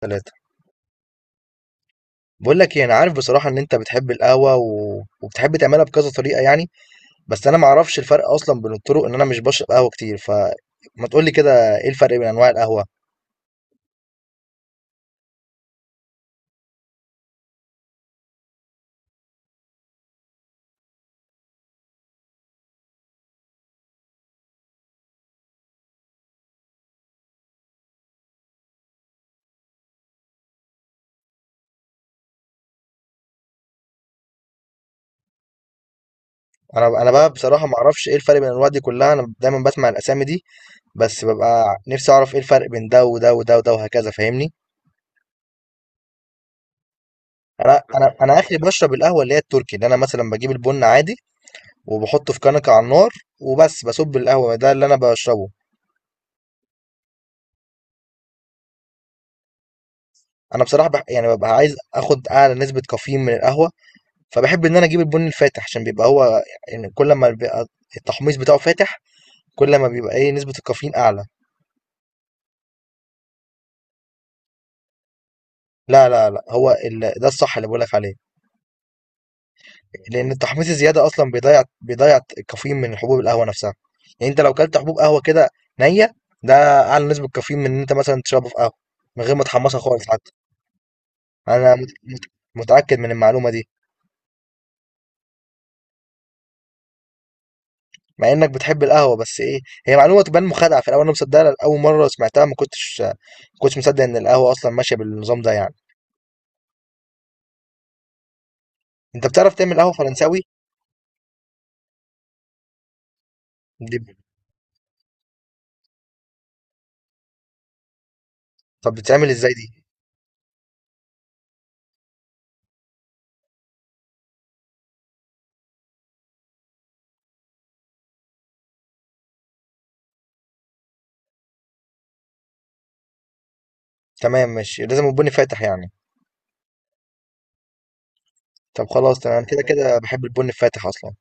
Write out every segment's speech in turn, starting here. تلاتة. بقول لك ايه، انا عارف بصراحه ان انت بتحب القهوه وبتحب تعملها بكذا طريقه يعني. بس انا ما اعرفش الفرق اصلا بين الطرق ان انا مش بشرب قهوه كتير، فما تقول لي كده ايه الفرق بين انواع القهوه؟ انا بقى بصراحه ما اعرفش ايه الفرق بين الانواع دي كلها، انا دايما بسمع الاسامي دي. بس ببقى نفسي اعرف ايه الفرق بين ده وده وده وده وهكذا، فاهمني؟ انا اخري بشرب القهوه اللي هي التركي، اللي انا مثلا بجيب البن عادي وبحطه في كنكه على النار وبس بصب القهوه ده اللي انا بشربه. انا بصراحه يعني ببقى عايز اخد اعلى نسبه كافيين من القهوه. فباحب إن أنا أجيب البُني الفاتح، عشان بيبقى هو يعني كل أمّا بيبقى التحميص بتاعه فاتح، كل ما بيبقى إيه نسبة الكافيين أعلى. لا، لا، لأ، هو ده الصح اللي باقول لك عليه، لإن التحميص الزيادة أصلًا بيضيّع الكافيين من حبوب القهوة نفسها. يعني أنت لو كلت حبوب قهوة كده نيّة، ده أعلى نسبة كافيين من إن أنت مثلًا تشربه في قهوة، من غير ما تحمّصها خالص حتى. أنا مت مت متأكد من المعلومة دي، مع إنك بتحب القهوة، بس إيه، هي معلومة تبان مخادعة في الأول، أنا مصدقها أول مرة سمعتها ما كنتش مصدق إن القهوة أصلًا ماشية بالنظام ده يعني. انت بتعرف تعمل قهوة فرنساوي؟ دي، طب بتتعمل ازاي دي؟ تمام ماشي، لازم البن فاتح يعني؟ طب خلاص تمام، كده كده بحب البن الفاتح اصلا.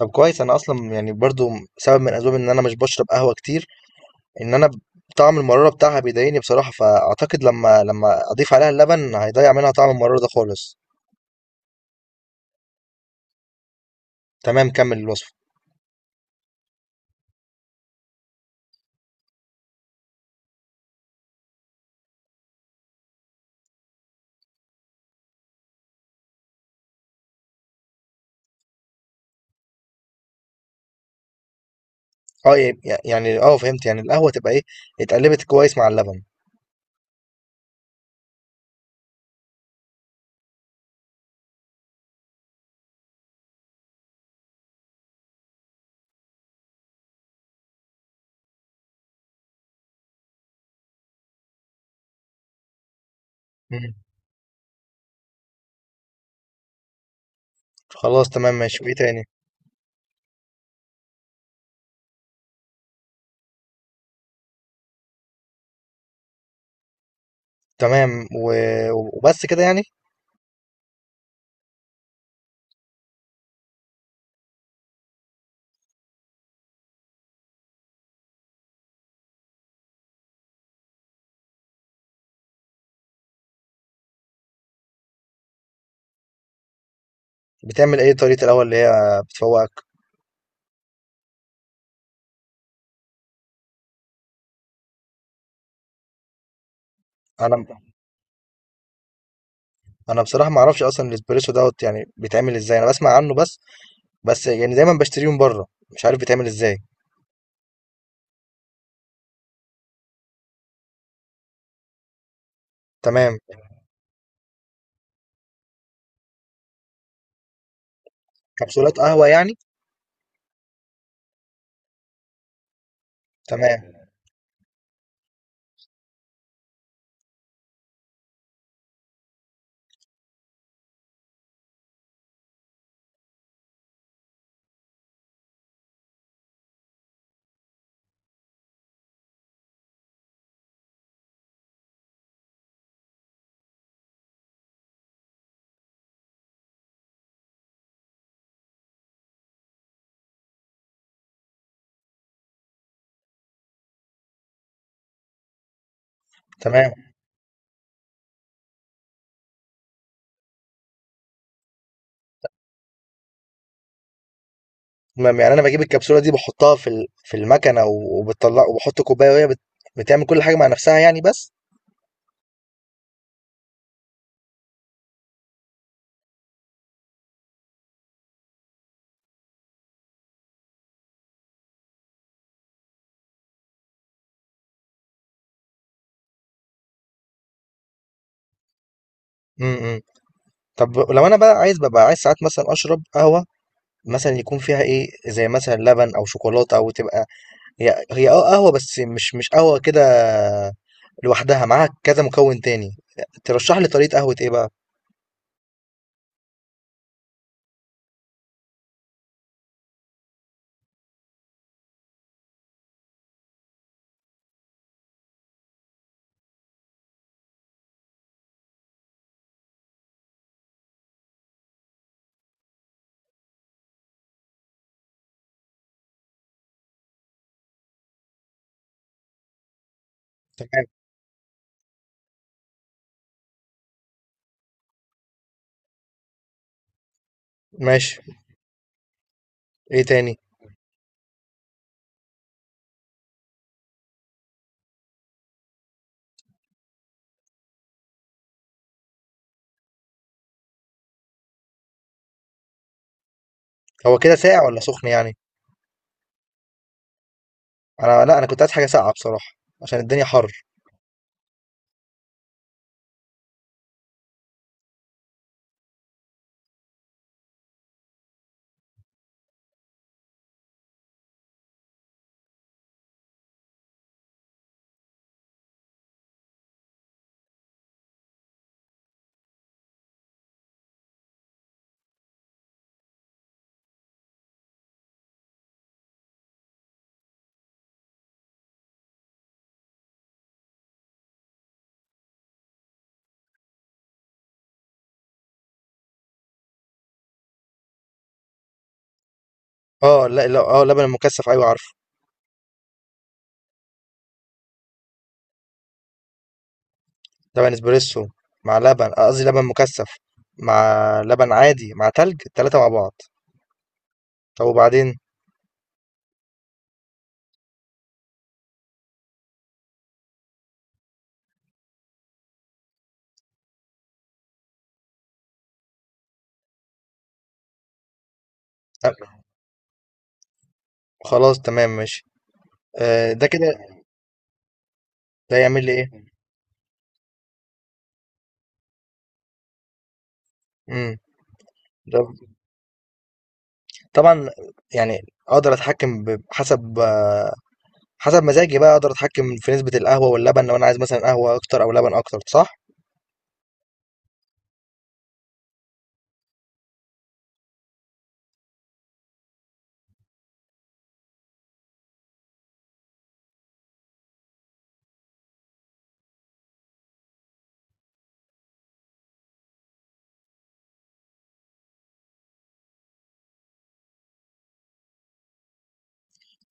طب كويس، انا اصلا يعني برضو سبب من اسباب ان انا مش بشرب قهوة كتير ان انا طعم المرارة بتاعها بيضايقني بصراحة، فاعتقد لما اضيف عليها اللبن هيضيع منها طعم المرارة ده خالص. تمام، كمل الوصفة. اه يعني اه فهمت، يعني القهوة تبقى ايه اتقلبت كويس مع اللبن. مم. خلاص تمام ماشي، وايه تاني؟ تمام وبس كده يعني. بتعمل ايه طريقة القهوة اللي هي بتفوقك؟ انا انا بصراحة ما اعرفش اصلا الاسبريسو دوت يعني بيتعمل ازاي، انا بسمع عنه بس، بس يعني دايما بشتريه من بره مش عارف بيتعمل ازاي. تمام. كبسولات قهوة يعني؟ تمام، تمام، تمام، يعني انا بجيب الكبسولة دي بحطها في المكنة وبتطلع وبحط كوباية وهي بتعمل كل حاجة مع نفسها يعني بس. امم. طب لو انا بقى عايز، ببقى عايز ساعات مثلا اشرب قهوة مثلا يكون فيها ايه زي مثلا لبن او شوكولاتة او تبقى هي اه قهوة بس مش قهوة كده لوحدها، معاها كذا مكون تاني. ترشح لي طريقة قهوة ايه بقى؟ تمام ماشي. ايه تاني؟ هو كده ساقع ولا سخن يعني؟ انا، لا، انا كنت عايز حاجة ساقعة بصراحة، عشان الدنيا حر. اه، لا لا، اه لبن مكثف، ايوه عارفه. لبن اسبريسو مع لبن قصدي لبن مكثف، مع لبن عادي مع تلج، التلاتة مع بعض. طب وبعدين؟ آه، خلاص تمام ماشي. آه، ده كده. ده يعمل لي ايه؟ امم. ده طبعا، يعني اقدر اتحكم حسب حسب مزاجي بقى، اقدر اتحكم في نسبة القهوة واللبن لو انا عايز مثلا قهوة اكتر او لبن اكتر، صح؟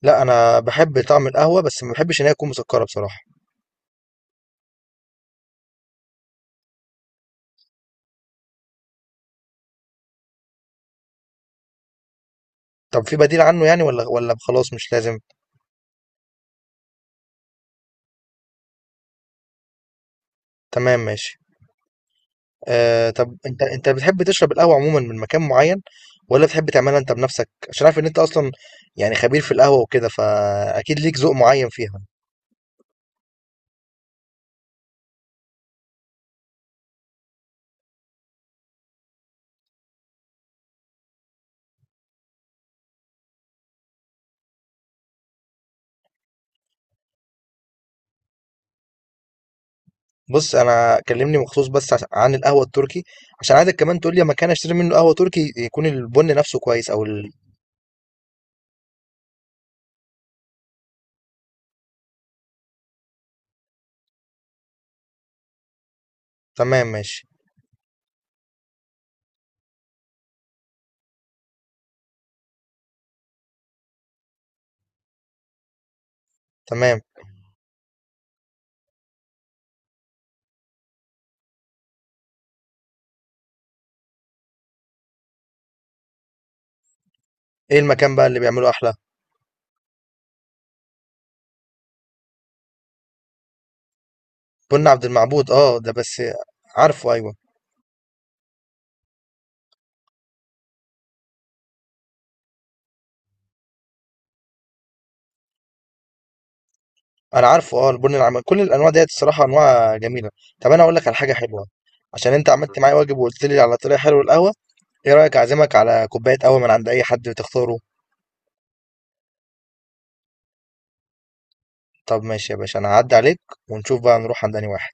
لا، انا بحب طعم القهوة بس ما بحبش ان هي تكون مسكرة بصراحة. طب في بديل عنه يعني ولا خلاص مش لازم؟ تمام ماشي. آه، طب انت بتحب تشرب القهوة عموما من مكان معين، ولا بتحب تعملها انت بنفسك؟ عشان عارف ان انت اصلا يعني خبير في القهوة وكده، فاكيد ليك ذوق معين فيها. بص، انا كلمني مخصوص بس عن القهوة التركي، عشان عايزك كمان تقول لي مكان اشتري منه قهوة تركي يكون البن نفسه كويس. تمام ماشي. تمام. ايه المكان بقى اللي بيعمله احلى؟ بن عبد المعبود، اه ده بس، عارفه، ايوه. انا عارفه، اه، البن العم كل الانواع ديت الصراحه انواع جميله. طب انا اقول لك على حاجه حلوه، عشان انت عملت معايا واجب وقلت لي على طريقه حلوه القهوه. ايه رايك اعزمك على كوبايه قهوه من عند اي حد تختاره؟ طب ماشي يا باشا، انا هعدي عليك ونشوف بقى نروح عند انهي واحد.